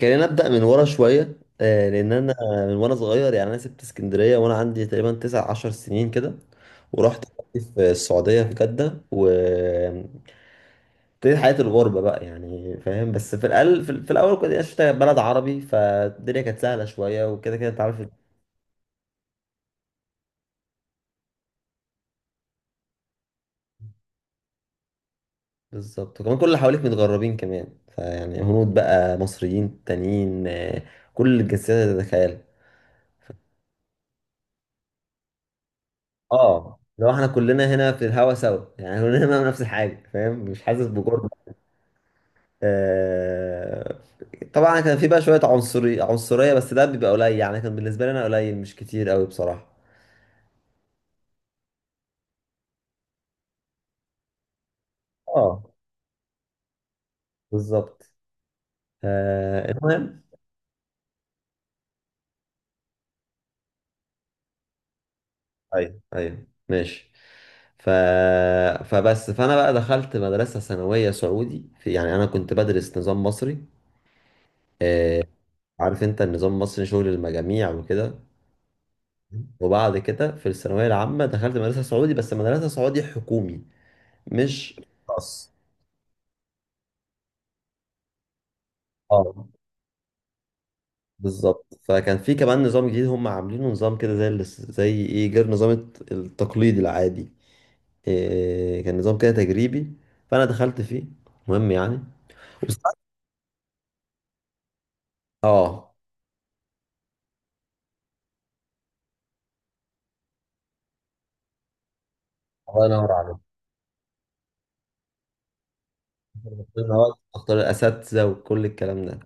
خلينا نبدأ من ورا شوية لأن أنا من وأنا صغير يعني أنا سبت اسكندرية وأنا عندي تقريبا 19 سنين كده، ورحت في السعودية في جدة. و ابتديت حياة الغربة بقى يعني فاهم، بس في الأقل في الأول كنت عشت في بلد عربي، فالدنيا كانت سهلة شوية وكده كده أنت عارف. بالظبط، وكمان كل اللي حواليك متغربين كمان، فيعني هنود بقى، مصريين تانيين، كل الجنسيات اللي تتخيلها. اه، لو احنا كلنا هنا في الهوا سوا يعني كلنا هنا نفس الحاجة فاهم، مش حاسس بجرم. آه، طبعا كان في بقى شوية عنصرية، بس ده بيبقى قليل يعني كان بالنسبة لي أنا قليل مش كتير أوي بصراحة. اه بالظبط. المهم. أيوه أيوه ماشي. ف... فبس فأنا بقى دخلت مدرسة ثانوية سعودي في، يعني أنا كنت بدرس نظام مصري، عارف أنت النظام المصري شغل المجاميع وكده، وبعد كده في الثانوية العامة دخلت مدرسة سعودي، بس مدرسة سعودي حكومي مش خاص. اه بالظبط. فكان في كمان نظام جديد هم عاملينه، نظام كده زي ايه، غير نظام التقليدي العادي. إيه، كان نظام كده تجريبي، فانا دخلت فيه. مهم يعني. وساعات- اه، الله ينور عليك. إن هو تختار الاساتذه وكل الكلام ده.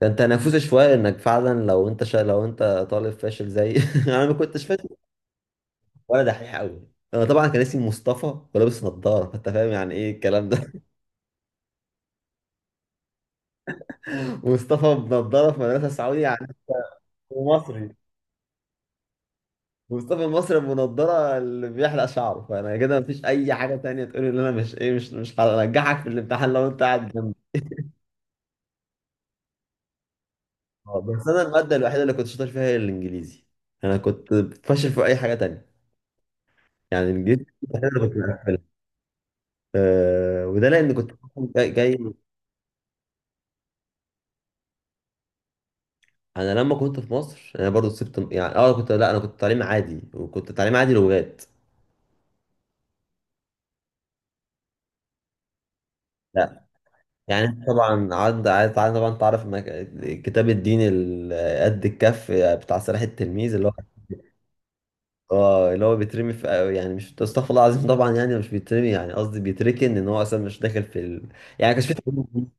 كان تنافسي شويه، انك فعلا لو انت لو انت طالب فاشل زي انا ما كنتش فاشل ولا دحيح قوي. انا طبعا كان اسمي مصطفى ولابس نظاره، فانت فاهم يعني ايه الكلام ده. مصطفى بنظاره في مدرسه سعودي يعني. مصري. مصطفى مصر بنضارة اللي بيحلق شعره، فانا كده مفيش اي حاجه تانية تقولي ان انا مش ايه، مش هنجحك في الامتحان لو انت قاعد جنبي. بس انا الماده الوحيده اللي كنت شاطر فيها هي الانجليزي. انا كنت فاشل في اي حاجه تانية، يعني الانجليزي انا كنت مقفلها. أه، وده لان كنت جاي. انا لما كنت في مصر انا برضو سبت، يعني اه كنت، لا انا كنت تعليم عادي، وكنت تعليم عادي لغات. لا. يعني طبعا عاد طبعا، تعرف إنك الكتاب الديني قد الكف، بتاع صلاح التلميذ اللي هو، اه، اللي هو بيترمي في، يعني مش، استغفر الله العظيم، طبعا يعني مش بيترمي، يعني قصدي بيتركن، ان هو اصلا مش داخل في يعني كانش في تعليم دين.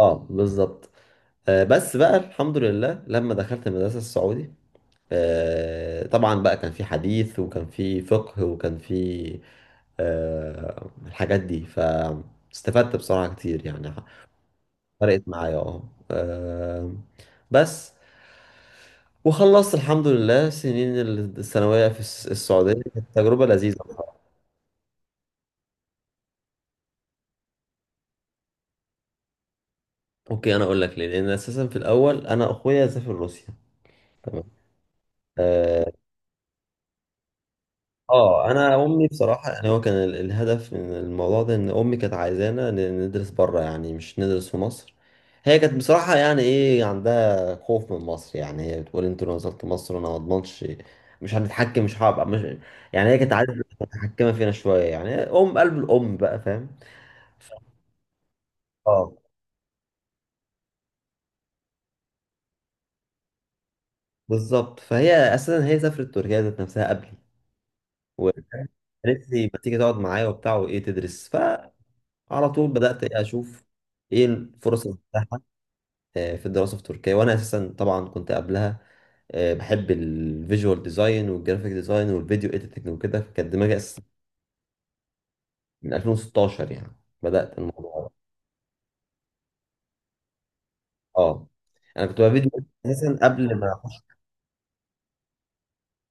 اه بالظبط. آه، بس بقى الحمد لله لما دخلت المدرسه السعودي، آه طبعا بقى كان في حديث، وكان في فقه، وكان في آه الحاجات دي، فاستفدت بصراحه كتير يعني. فرقت معايا اه. آه، بس، وخلصت الحمد لله سنين الثانويه في السعوديه، كانت تجربه لذيذه. اوكي انا اقول لك ليه، لان اساسا في الاول انا اخويا سافر روسيا. تمام. اه. انا امي بصراحه، يعني هو كان الهدف من الموضوع ده ان امي كانت عايزانا ندرس بره، يعني مش ندرس في مصر. هي كانت بصراحه يعني ايه، عندها خوف من مصر، يعني هي بتقول انتوا لو نزلت مصر انا ما اضمنش. مش هنتحكم، مش هبقى مش، يعني هي كانت عايزه متحكمه فينا شويه يعني، ام، قلب الام بقى فاهم. ف- اه بالظبط. فهي اساسا هي سافرت تركيا ذات نفسها قبلي، قالت لي ما تيجي تقعد معايا وبتاع وايه، تدرس. فعلى طول بدأت إيه اشوف ايه الفرص المتاحه في الدراسه في تركيا. وانا اساسا طبعا كنت قبلها، بحب الفيجوال ديزاين والجرافيك ديزاين والفيديو اديتنج وكده، فكانت دماغي اساسا من 2016 يعني، بدأت الموضوع ده. اه، انا كنت بقى فيديو. اساسا قبل ما اخش،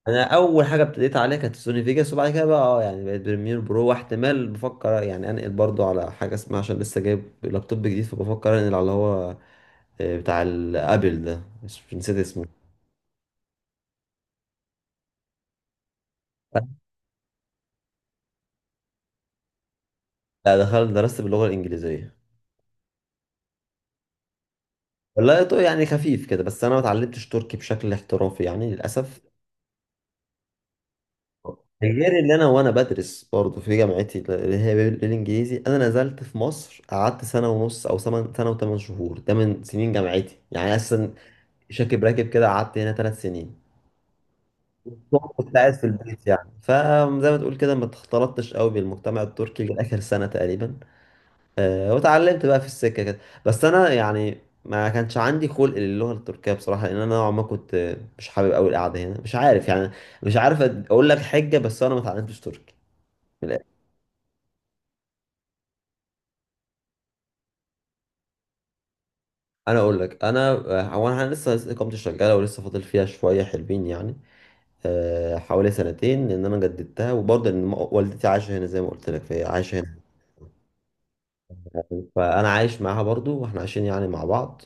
انا اول حاجه ابتديت عليها كانت سوني فيجاس، وبعد كده بقى اه يعني بقيت بريمير برو، واحتمال بفكر يعني انقل برضو على حاجه اسمها، عشان لسه جايب لابتوب جديد، فبفكر انقل على اللي هو بتاع الابل ده، مش، نسيت اسمه. لا، دخلت درست باللغة الإنجليزية. والله يعني خفيف كده، بس أنا ما اتعلمتش تركي بشكل احترافي يعني للأسف. غير اللي أنا وأنا بدرس برضه في جامعتي اللي هي بالإنجليزي، أنا نزلت في مصر قعدت سنة ونص، أو سنة وثمان شهور، ده من سنين جامعتي يعني، أساسا شاكب راكب كده، قعدت هنا 3 سنين. كنت قاعد في البيت يعني، فزي ما تقول كده ما اختلطتش قوي بالمجتمع التركي لآخر سنة تقريبا. واتعلمت بقى في السكه كده. بس انا يعني ما كانش عندي خلق للغه التركيه بصراحه، لان انا نوعا ما كنت مش حابب قوي القعده هنا، مش عارف يعني، مش عارف اقول لك حجه، بس انا ما اتعلمتش تركي من الآخر. انا اقول لك، انا هو انا لسه اقامتي شغاله، ولسه فاضل فيها شويه حلوين يعني، حوالي سنتين، لان انا جددتها، وبرضه ان والدتي عايشه هنا زي ما قلت لك، فهي عايشه هنا فانا عايش معاها برضه، واحنا عايشين يعني مع بعض.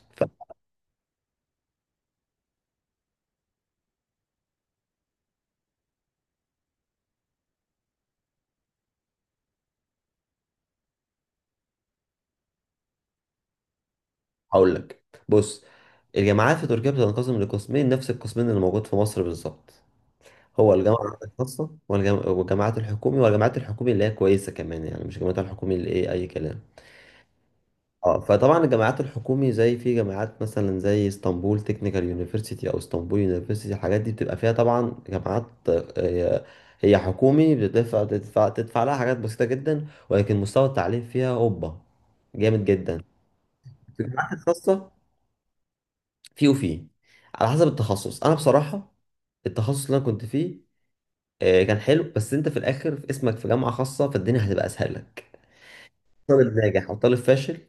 هقول لك، بص، الجامعات في تركيا بتنقسم لقسمين، نفس القسمين اللي موجود في مصر بالظبط، هو الجامعة الخاصة والجامعات الحكومي. والجامعات الحكومي اللي هي كويسة كمان، يعني مش الجامعات الحكومي اللي ايه أي كلام. اه، فطبعا الجامعات الحكومي زي، في جامعات مثلا زي اسطنبول تكنيكال يونيفرسيتي، او اسطنبول يونيفرسيتي، الحاجات دي بتبقى فيها طبعا جامعات، هي حكومي، بتدفع تدفع تدفع لها حاجات بسيطة جدا، ولكن مستوى التعليم فيها هوبا، جامد جدا. في الجامعات الخاصة، في على حسب التخصص، انا بصراحه التخصص اللي انا كنت فيه كان حلو، بس انت في الاخر في اسمك في جامعه خاصه، فالدنيا هتبقى اسهل لك. طالب ناجح او طالب فاشل،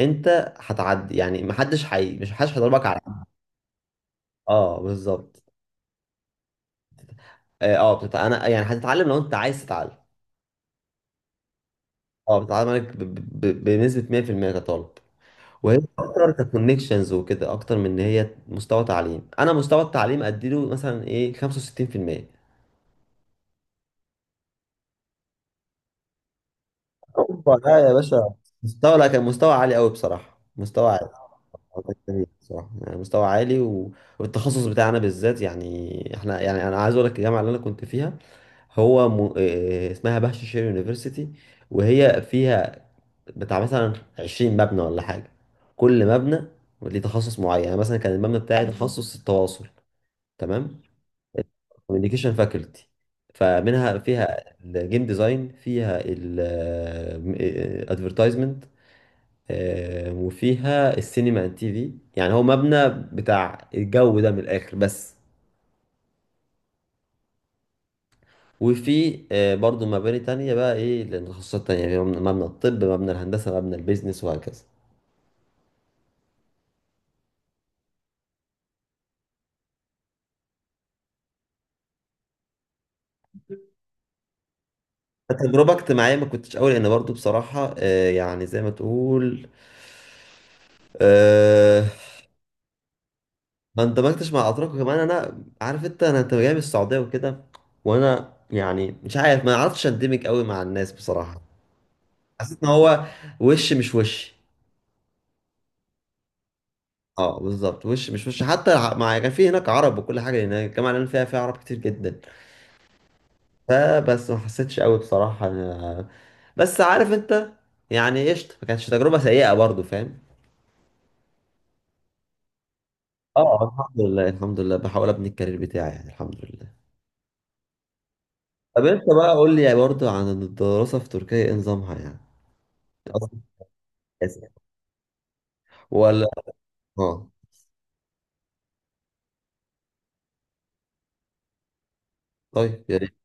انت هتعدي يعني محدش حي مش محدش هيضربك على حد. اه بالظبط. اه، انا يعني هتتعلم لو انت عايز تتعلم. اه، بتتعلم عليك بنسبه 100% كطالب. وهي اكتر ككونكشنز وكده، اكتر من ان هي مستوى تعليم، انا مستوى التعليم اديله مثلا ايه 65%. اوبا، لا يا باشا، مستوى، لا كان مستوى عالي قوي بصراحه، مستوى عالي. والله جميل بصراحه يعني، مستوى عالي والتخصص بتاعنا بالذات يعني احنا، يعني انا عايز اقول لك الجامعه اللي انا كنت فيها، هو إيه اسمها، بهش شير يونيفرسيتي، وهي فيها بتاع مثلا 20 مبنى ولا حاجه. كل مبنى ليه تخصص معين، يعني مثلا كان المبنى بتاعي تخصص التواصل. تمام. كوميونيكيشن فاكولتي، فمنها فيها الجيم ديزاين، فيها الادفرتايزمنت، وفيها السينما اند تي في، يعني هو مبنى بتاع الجو ده من الاخر بس. وفي برضو مباني تانية بقى ايه للتخصصات تانية يعني، مبنى الطب، مبنى الهندسة، مبنى البيزنس، وهكذا. تجربة اجتماعية ما كنتش قوي، لان برضو بصراحة يعني زي ما تقول، آه، ما اندمجتش مع اتراك، وكمان انا عارف انت، انا انت جاي من السعوديه وكده، وانا يعني مش عارف ما عرفتش اندمج قوي مع الناس بصراحه. حسيت ان هو وش مش وش. اه بالظبط، وش مش وش، حتى مع، كان في هناك عرب وكل حاجه، هناك الجامعه اللي انا فيها فيها عرب كتير جدا، فبس ما حسيتش قوي بصراحه بس عارف انت، يعني قشطه، ما كانتش تجربه سيئه برضو فاهم. اه الحمد لله الحمد لله، بحاول ابني الكارير بتاعي يعني، الحمد لله. طب انت بقى قول لي برضو عن الدراسه في تركيا ايه نظامها يعني. اسف. ولا، اه. طيب يا ريت.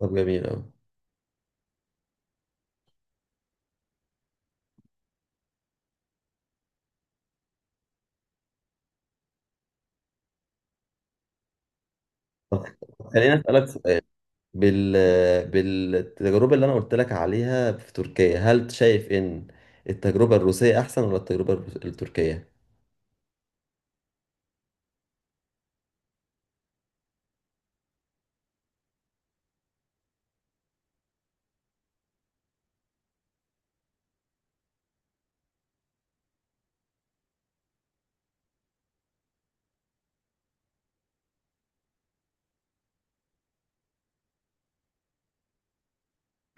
طب جميل أوي. طب خليني أسألك سؤال، بال بالتجربة اللي أنا قلت لك عليها في تركيا، هل شايف إن التجربة الروسية أحسن، ولا التجربة التركية؟